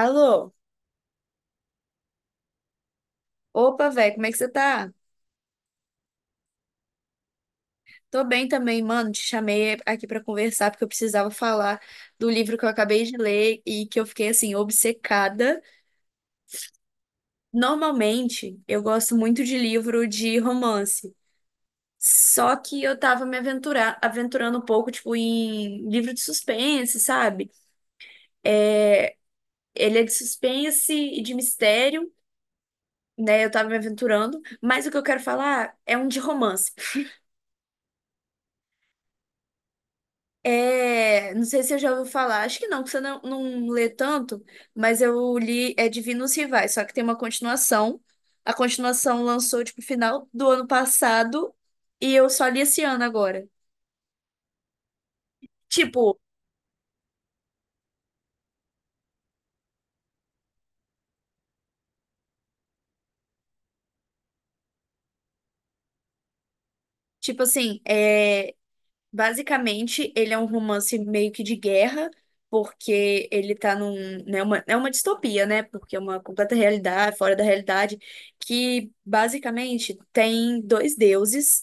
Alô? Opa, velho, como é que você tá? Tô bem também, mano. Te chamei aqui pra conversar porque eu precisava falar do livro que eu acabei de ler e que eu fiquei assim obcecada. Normalmente, eu gosto muito de livro de romance. Só que eu tava aventurando um pouco, tipo, em livro de suspense, sabe? É, ele é de suspense e de mistério, né? Eu tava me aventurando, mas o que eu quero falar é um de romance. É, não sei se você já ouviu falar, acho que não, que você não lê tanto, mas eu li é Divinos Rivais, só que tem uma continuação. A continuação lançou, tipo, final do ano passado e eu só li esse ano agora. Tipo, tipo, basicamente, ele é um romance meio que de guerra, porque ele tá num, né, é uma distopia, né? Porque é uma completa realidade, fora da realidade, que basicamente tem dois deuses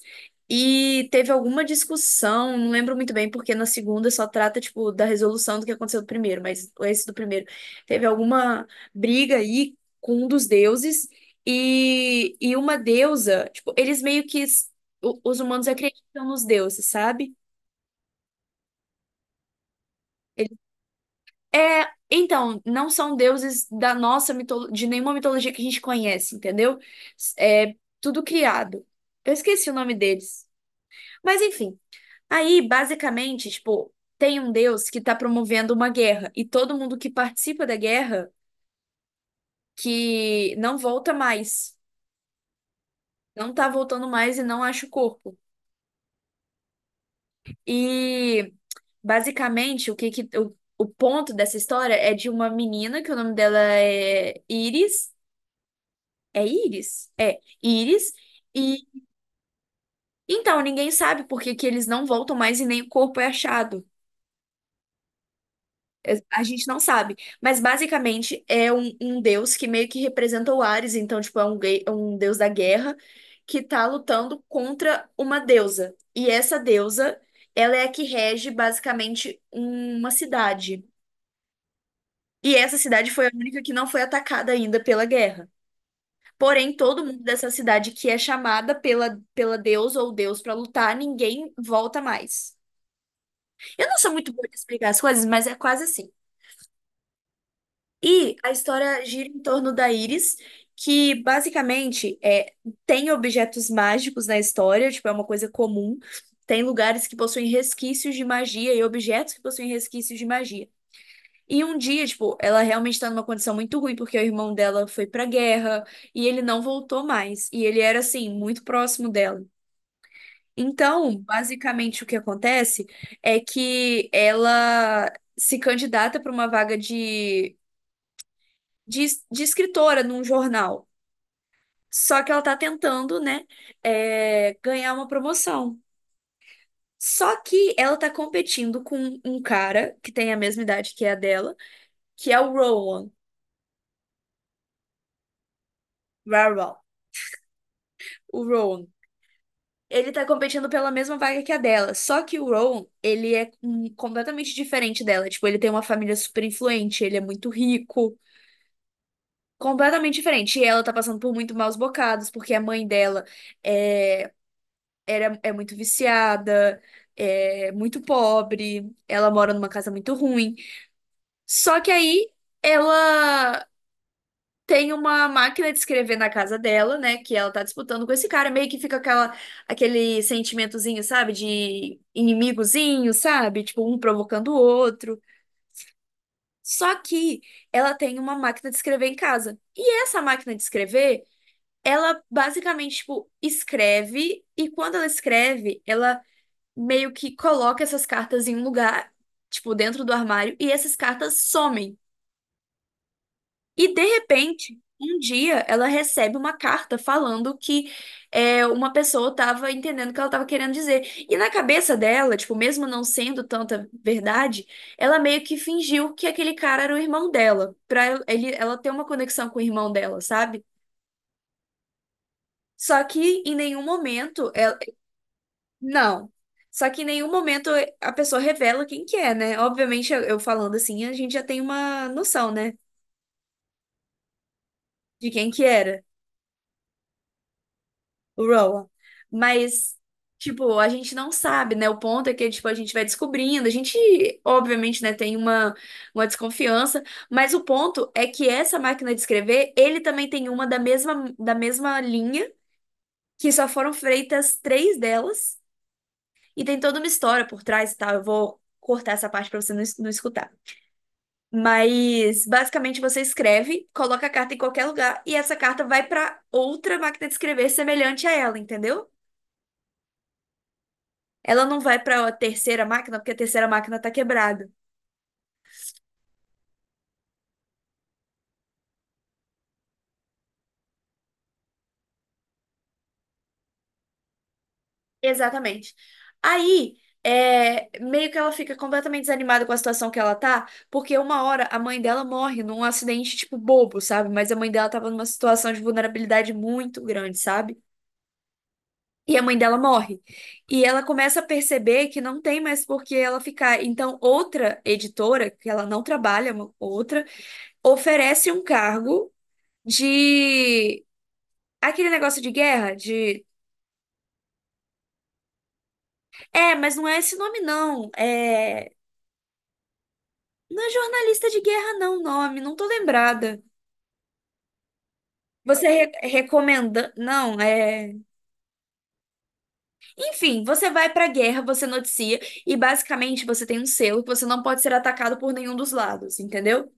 e teve alguma discussão, não lembro muito bem, porque na segunda só trata, tipo, da resolução do que aconteceu do primeiro, mas esse do primeiro teve alguma briga aí com um dos deuses e uma deusa, tipo, eles meio que s- o- os humanos acreditam nos deuses, sabe? Ele- É, então, não são deuses da nossa mitolo... de nenhuma mitologia que a gente conhece, entendeu? É tudo criado. Eu esqueci o nome deles. Mas enfim, aí basicamente, tipo, tem um deus que tá promovendo uma guerra e todo mundo que participa da guerra que não volta mais, não tá voltando mais e não acha o corpo. E basicamente o que que o ponto dessa história é de uma menina que o nome dela é Iris. É Íris? É, Íris. E então, ninguém sabe por que que eles não voltam mais e nem o corpo é achado. A gente não sabe. Mas basicamente é um deus que meio que representa o Ares. Então, tipo, é um, é um deus da guerra que tá lutando contra uma deusa. E essa deusa, ela é a que rege basicamente uma cidade. E essa cidade foi a única que não foi atacada ainda pela guerra. Porém, todo mundo dessa cidade que é chamada pela deusa ou deus pra lutar, ninguém volta mais. Eu não sou muito boa de explicar as coisas, mas é quase assim. E a história gira em torno da Iris, que basicamente é, tem objetos mágicos na história, tipo, é uma coisa comum. Tem lugares que possuem resquícios de magia e objetos que possuem resquícios de magia. E um dia, tipo, ela realmente tá numa condição muito ruim, porque o irmão dela foi pra guerra e ele não voltou mais. E ele era, assim, muito próximo dela. Então, basicamente, o que acontece é que ela se candidata para uma vaga de escritora num jornal. Só que ela está tentando, né, é, ganhar uma promoção. Só que ela está competindo com um cara que tem a mesma idade que a dela, que é o Rowan. Rowan. O Rowan. Ele tá competindo pela mesma vaga que a dela. Só que o Rowan, ele é completamente diferente dela. Tipo, ele tem uma família super influente, ele é muito rico. Completamente diferente. E ela tá passando por muito maus bocados, porque a mãe dela é, é muito viciada, é muito pobre, ela mora numa casa muito ruim. Só que aí ela tem uma máquina de escrever na casa dela, né? Que ela tá disputando com esse cara, meio que fica aquele sentimentozinho, sabe? De inimigozinho, sabe? Tipo, um provocando o outro. Só que ela tem uma máquina de escrever em casa. E essa máquina de escrever, ela basicamente, tipo, escreve, e quando ela escreve, ela meio que coloca essas cartas em um lugar, tipo, dentro do armário, e essas cartas somem. E de repente, um dia, ela recebe uma carta falando que é, uma pessoa tava entendendo o que ela tava querendo dizer. E na cabeça dela, tipo, mesmo não sendo tanta verdade, ela meio que fingiu que aquele cara era o irmão dela, pra ela ter uma conexão com o irmão dela, sabe? Só que em nenhum momento ela... Não. Só que em nenhum momento a pessoa revela quem que é, né? Obviamente, eu falando assim, a gente já tem uma noção, né? De quem que era o Rowan. Mas, tipo, a gente não sabe, né? O ponto é que, tipo, a gente vai descobrindo. A gente, obviamente, né, tem uma desconfiança. Mas o ponto é que essa máquina de escrever, ele também tem uma da mesma linha, que só foram feitas três delas. E tem toda uma história por trás e tal. Eu vou cortar essa parte pra você não escutar. Mas basicamente você escreve, coloca a carta em qualquer lugar e essa carta vai para outra máquina de escrever semelhante a ela, entendeu? Ela não vai para a terceira máquina, porque a terceira máquina tá quebrada. Exatamente. Aí, é, meio que ela fica completamente desanimada com a situação que ela tá, porque uma hora a mãe dela morre num acidente tipo bobo, sabe? Mas a mãe dela tava numa situação de vulnerabilidade muito grande, sabe? E a mãe dela morre. E ela começa a perceber que não tem mais por que ela ficar. Então, outra editora, que ela não trabalha, uma outra, oferece um cargo de... Aquele negócio de guerra, de... É, mas não é esse nome, não. É. Não é jornalista de guerra, não, o nome. Não tô lembrada. Você recomenda. Não, é. Enfim, você vai pra guerra, você noticia, e basicamente você tem um selo que você não pode ser atacado por nenhum dos lados, entendeu?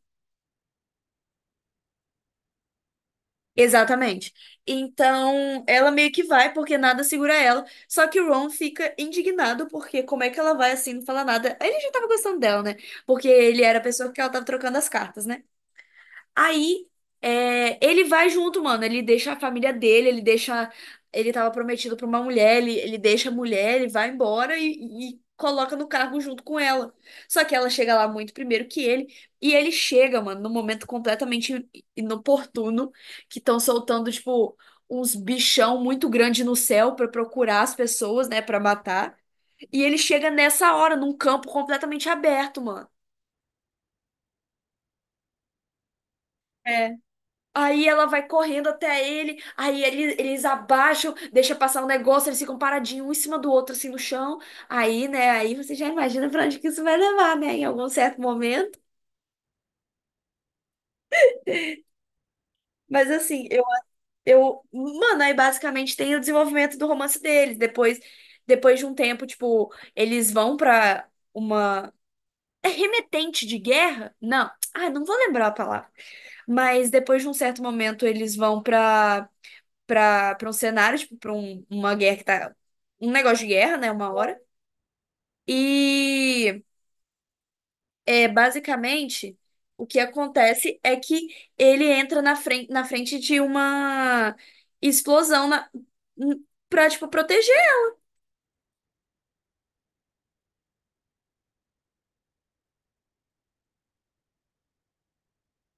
Exatamente. Então, ela meio que vai porque nada segura ela. Só que o Ron fica indignado porque como é que ela vai assim, não fala nada? Ele já tava gostando dela, né? Porque ele era a pessoa que ela tava trocando as cartas, né? Aí, é, ele vai junto, mano. Ele deixa a família dele, ele deixa. Ele tava prometido pra uma mulher, ele deixa a mulher, ele vai embora e coloca no carro junto com ela. Só que ela chega lá muito primeiro que ele. E ele chega, mano, num momento completamente inoportuno, que estão soltando, tipo, uns bichão muito grande no céu pra procurar as pessoas, né, pra matar. E ele chega nessa hora, num campo completamente aberto, mano. É. Aí ela vai correndo até ele, aí eles abaixam, deixa passar um negócio, eles ficam paradinhos um em cima do outro, assim, no chão. Aí, né, aí você já imagina pra onde que isso vai levar, né, em algum certo momento. Mas assim, mano, aí basicamente tem o desenvolvimento do romance deles. Depois, depois de um tempo, tipo, eles vão pra uma é remetente de guerra? Não. Ah, não vou lembrar a palavra. Mas depois de um certo momento, eles vão pra um cenário, tipo, pra uma guerra que tá. Um negócio de guerra, né? Uma hora. E é, basicamente o que acontece é que ele entra na frente de uma explosão n- tipo...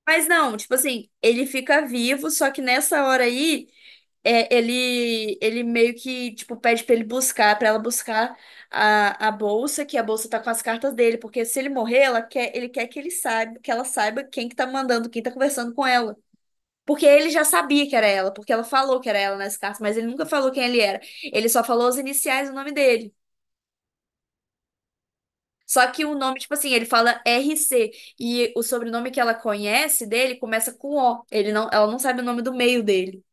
Mas não, tipo assim, ele fica vivo, só que nessa hora aí, é, ele meio que, tipo, pede pra ele buscar, pra ela buscar a bolsa, que a bolsa tá com as cartas dele, porque se ele morrer, ele quer que que ela saiba quem que tá mandando, quem tá conversando com ela. Porque ele já sabia que era ela, porque ela falou que era ela nas cartas, mas ele nunca falou quem ele era. Ele só falou os iniciais e o nome dele. Só que o nome, tipo assim, ele fala RC e o sobrenome que ela conhece dele começa com O. Ele não, ela não sabe o nome do meio dele.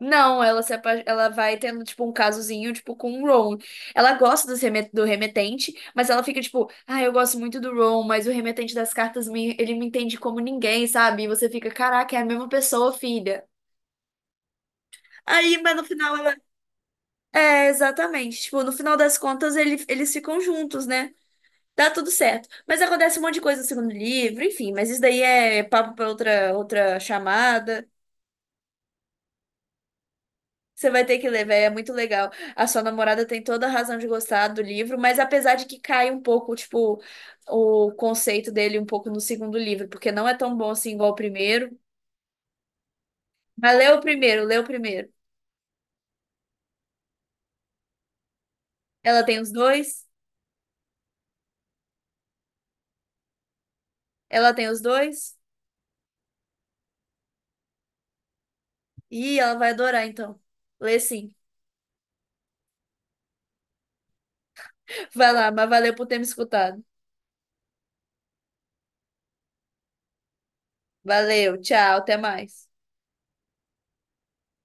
Não, ela se apa- ela vai tendo tipo um casozinho tipo com o Ron. Ela gosta do remetente, mas ela fica tipo, ah, eu gosto muito do Ron, mas o remetente das cartas ele me entende como ninguém, sabe? E você fica, caraca, é a mesma pessoa, filha. Aí, mas no final ela... É, exatamente. Tipo, no final das contas, eles ficam juntos, né? Dá tudo certo. Mas acontece um monte de coisa no segundo livro, enfim, mas isso daí é papo pra outra chamada. Você vai ter que ler, véi, é muito legal. A sua namorada tem toda a razão de gostar do livro, mas apesar de que cai um pouco, tipo, o conceito dele um pouco no segundo livro, porque não é tão bom assim igual o primeiro. Mas lê o primeiro, lê o primeiro. Ela tem os dois? Ela tem os dois? Ih, ela vai adorar, então. Lê sim. Vai lá, mas valeu por ter me escutado. Valeu, tchau, até mais.